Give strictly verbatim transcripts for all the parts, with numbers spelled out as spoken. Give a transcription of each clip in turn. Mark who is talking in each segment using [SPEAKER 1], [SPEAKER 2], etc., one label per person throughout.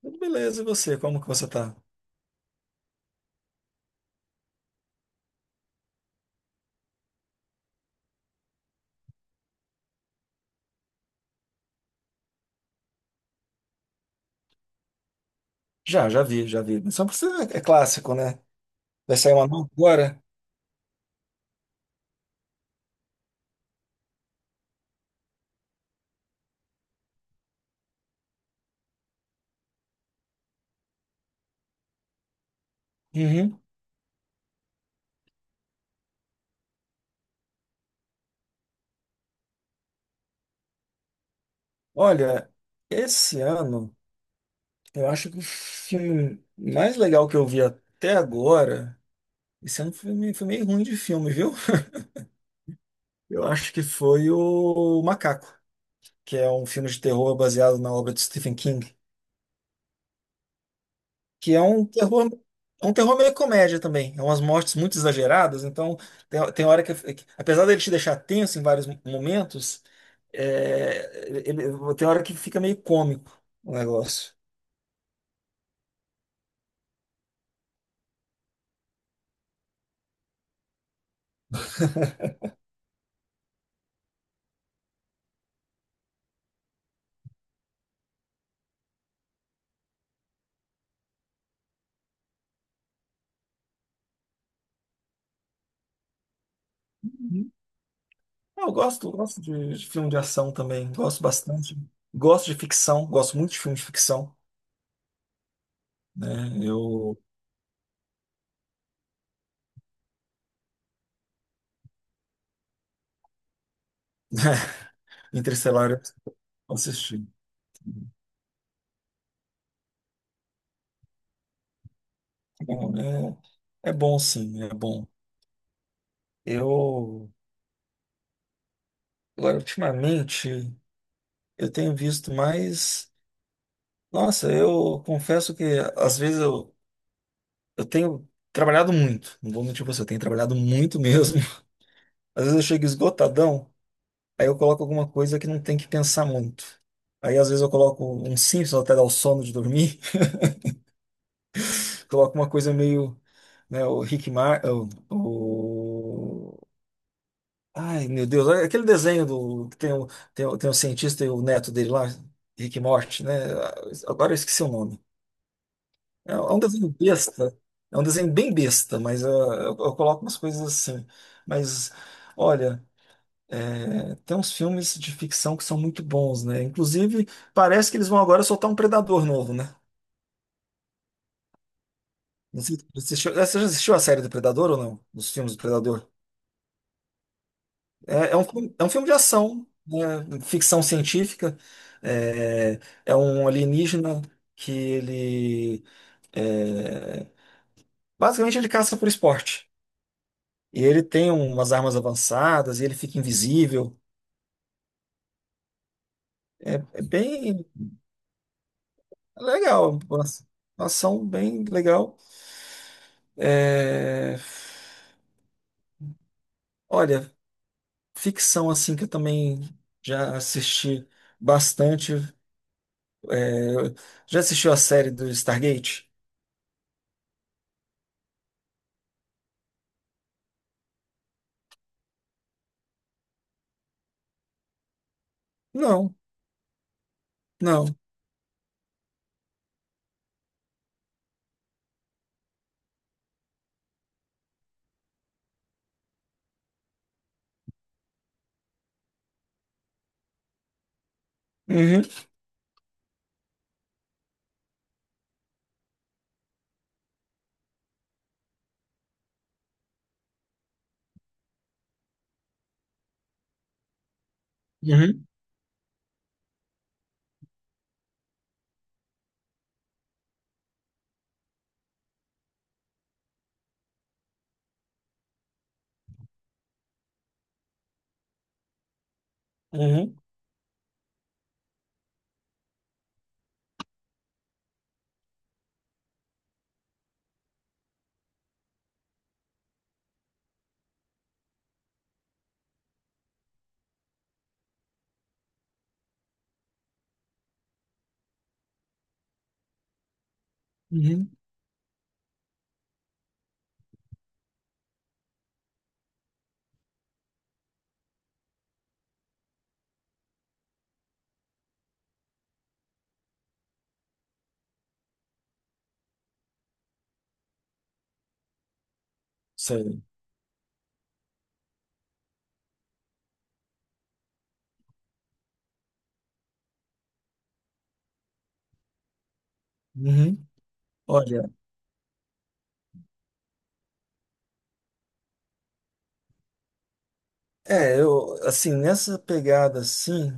[SPEAKER 1] Tudo beleza, e você? Como que você tá? Já, já vi, já vi. Mas só pra você é clássico, né? Vai sair uma nova agora? Uhum. Olha, esse ano, eu acho que o filme mais legal que eu vi até agora, esse ano foi, meio- foi meio ruim de filme, viu? Eu acho que foi o Macaco, que é um filme de terror baseado na obra de Stephen King. Que é um terror, É um terror meio comédia também. É umas mortes muito exageradas, então tem, tem hora que, que- apesar dele te deixar tenso em vários momentos, é, ele- tem hora que fica meio cômico o negócio. Uhum. Eu gosto, gosto de, de filme de ação também, gosto bastante. Gosto de ficção, gosto muito de filme de ficção, né? Eu Interestelar eu assisti. Bom, é, é bom sim, é bom. Eu agora ultimamente. Eu tenho visto mais. Nossa, eu confesso que às vezes eu, eu tenho trabalhado muito. Não vou mentir pra você, eu tenho trabalhado muito mesmo. Às vezes eu chego esgotadão, aí eu coloco alguma coisa que não tem que pensar muito. Aí às vezes eu coloco um Simpsons até dar o sono de dormir, coloco uma coisa meio, né, o Rick Mar, o, o- Ai, meu Deus, é aquele desenho do que tem o tem, o- tem o cientista e o neto dele lá, Rick e Morty, né? Agora eu esqueci o nome. É é um desenho besta. É um desenho bem besta, mas ah, eu, eu coloco umas coisas assim. Mas, olha, é, tem uns filmes de ficção que são muito bons, né? Inclusive, parece que eles vão agora soltar um Predador novo, né? Não sei se você assistiu, é, você já assistiu a série do Predador ou não? Dos filmes do Predador? É, é um, filme- é um filme de ação, né? Ficção científica. É, é um alienígena que ele. é, Basicamente, ele caça por esporte. E ele tem umas armas avançadas e ele fica invisível. É bem legal. Uma uma ação bem legal. É, olha, ficção assim que eu também já assisti bastante. Eu- Já assistiu a série do Stargate? Não, não. Uhum, uhum, uhum, uhum. Sei. Uhum. Olha, é, eu, assim, nessa pegada assim,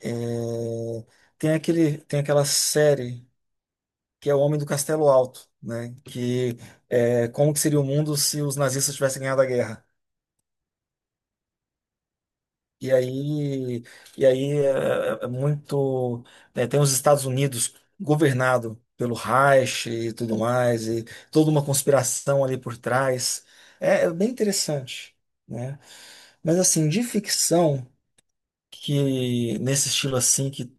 [SPEAKER 1] é, tem aquele, tem aquela série. Que é o Homem do Castelo Alto, né? Que é, como que seria o mundo se os nazistas tivessem ganhado a guerra? E aí, e aí é, é muito é, tem os Estados Unidos governado pelo Reich e tudo mais e toda uma conspiração ali por trás. É, é bem interessante, né? Mas assim, de ficção que nesse estilo assim que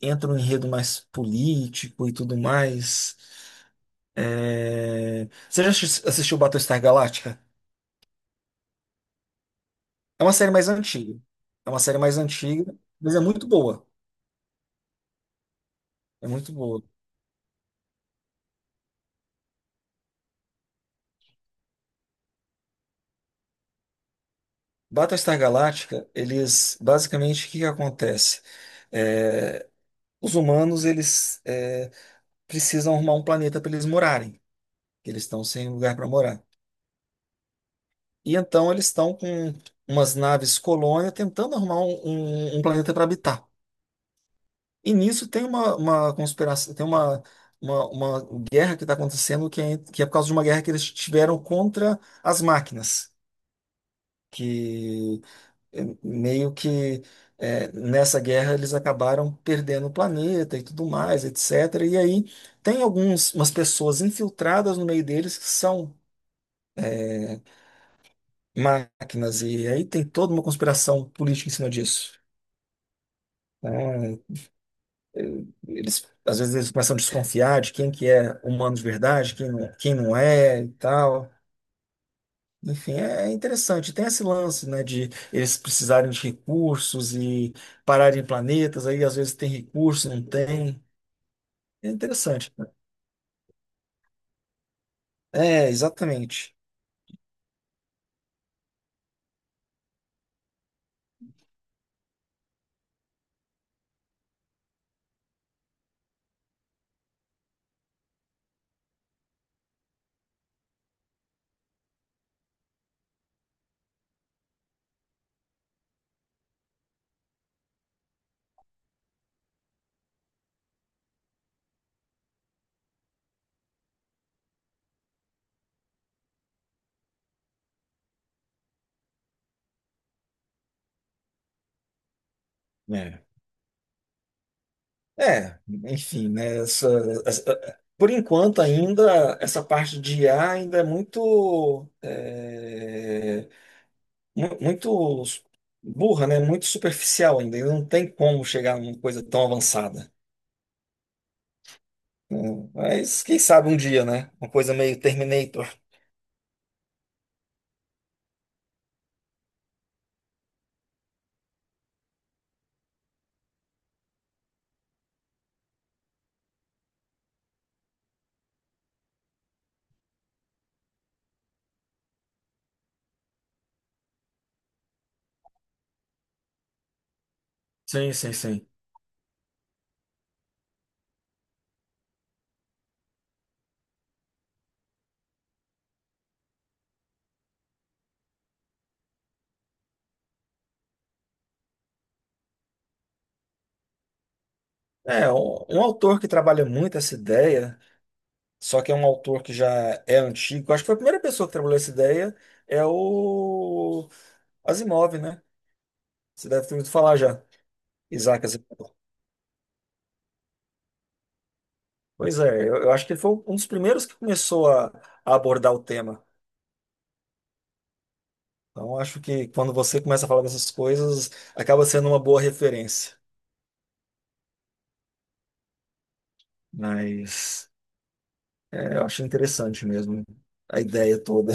[SPEAKER 1] entra um enredo mais político e tudo mais. é, Você já assis- assistiu Battlestar Galactica? É uma série mais antiga. É uma série mais antiga, mas é muito boa. É muito boa. Battlestar Galactica, eles basicamente o que que acontece? É, os humanos eles é, precisam arrumar um planeta para eles morarem. Que eles estão sem lugar para morar. E então eles estão com umas naves colônia tentando arrumar um, um- um planeta para habitar. E nisso tem uma, uma conspiração, tem uma, uma, uma guerra que está acontecendo que é, que é por causa de uma guerra que eles tiveram contra as máquinas. Que eh, meio que eh, nessa guerra eles acabaram perdendo o planeta e tudo mais, et cetera. E aí tem algumas umas pessoas infiltradas no meio deles que são máquinas, e aí tem toda uma conspiração política em cima disso. Né? Eles, às vezes eles começam a desconfiar de quem que é humano de verdade, quem não, quem não é e tal. Enfim, é é interessante. Tem esse lance, né, de eles precisarem de recursos e pararem planetas, aí às vezes tem recurso, não tem. É interessante. É, exatamente. É. É, enfim, né, essa, essa- por enquanto ainda essa parte de I A ainda é muito, é, mu- muito burra, né, muito superficial ainda. Não tem como chegar numa coisa tão avançada. Hum, Mas quem sabe um dia, né, uma coisa meio Terminator. Sim, sim, sim. É, um, um autor que trabalha muito essa ideia, só que é um autor que já é antigo, acho que foi a primeira pessoa que trabalhou essa ideia, é o Asimov, né? Você deve ter ouvido falar já, Isaac Asimov. Pois é, eu, eu acho que ele foi um dos primeiros que começou a, a abordar o tema. Então, acho que quando você começa a falar dessas coisas, acaba sendo uma boa referência. Mas é, eu achei interessante mesmo a ideia toda.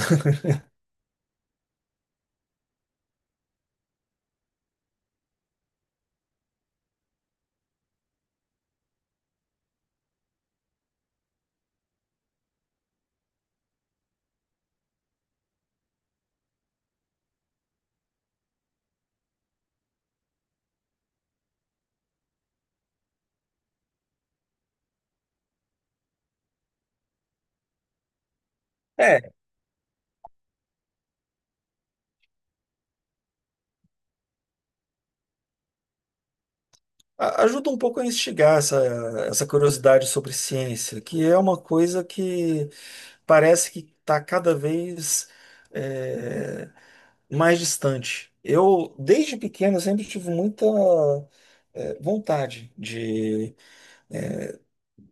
[SPEAKER 1] A- Ajuda um pouco a instigar essa, essa curiosidade sobre ciência, que é uma coisa que parece que está cada vez é, mais distante. Eu, desde pequeno, eu sempre tive muita é, vontade de,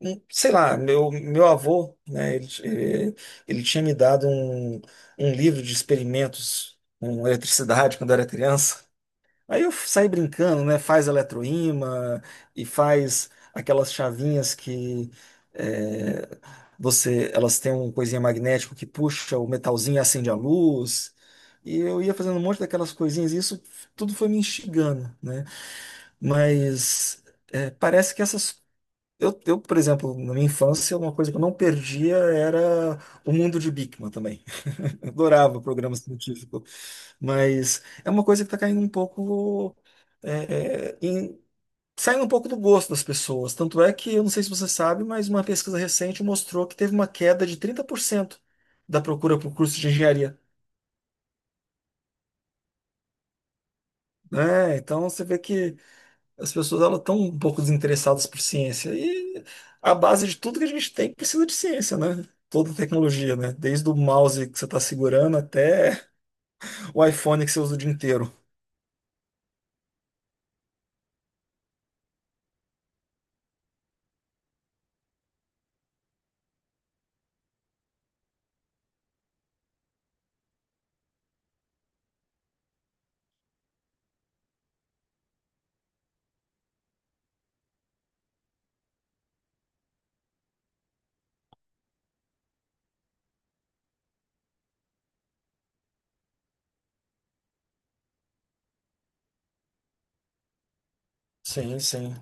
[SPEAKER 1] hum, sei lá, meu, meu avô, né, ele, ele, ele tinha me dado um, um livro de experimentos com eletricidade quando eu era criança. Aí eu saí brincando, né? Faz eletroímã e faz aquelas chavinhas que é, você, elas têm um coisinha magnético que puxa o metalzinho e acende a luz. E eu ia fazendo um monte daquelas coisinhas, e isso tudo foi me instigando, né? Mas é, parece que essas. Eu, eu, por exemplo, na minha infância, uma coisa que eu não perdia era o mundo de Bikman também. Eu adorava programa científico, mas é uma coisa que está caindo um pouco, é, é, em- saindo um pouco do gosto das pessoas. Tanto é que, eu não sei se você sabe, mas uma pesquisa recente mostrou que teve uma queda de trinta por cento da procura por curso de engenharia, né? Então você vê que as pessoas elas estão um pouco desinteressadas por ciência e a base de tudo que a gente tem precisa de ciência, né? Toda tecnologia, né? Desde o mouse que você está segurando até o iPhone que você usa o dia inteiro. Sim, sim.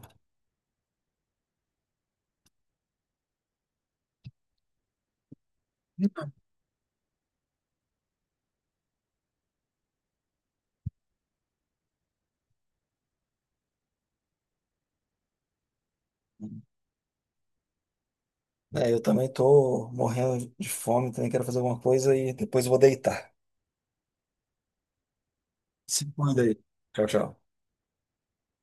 [SPEAKER 1] É, eu também tô morrendo de fome, também quero fazer alguma coisa e depois eu vou deitar. Se cuida aí. Tchau, tchau.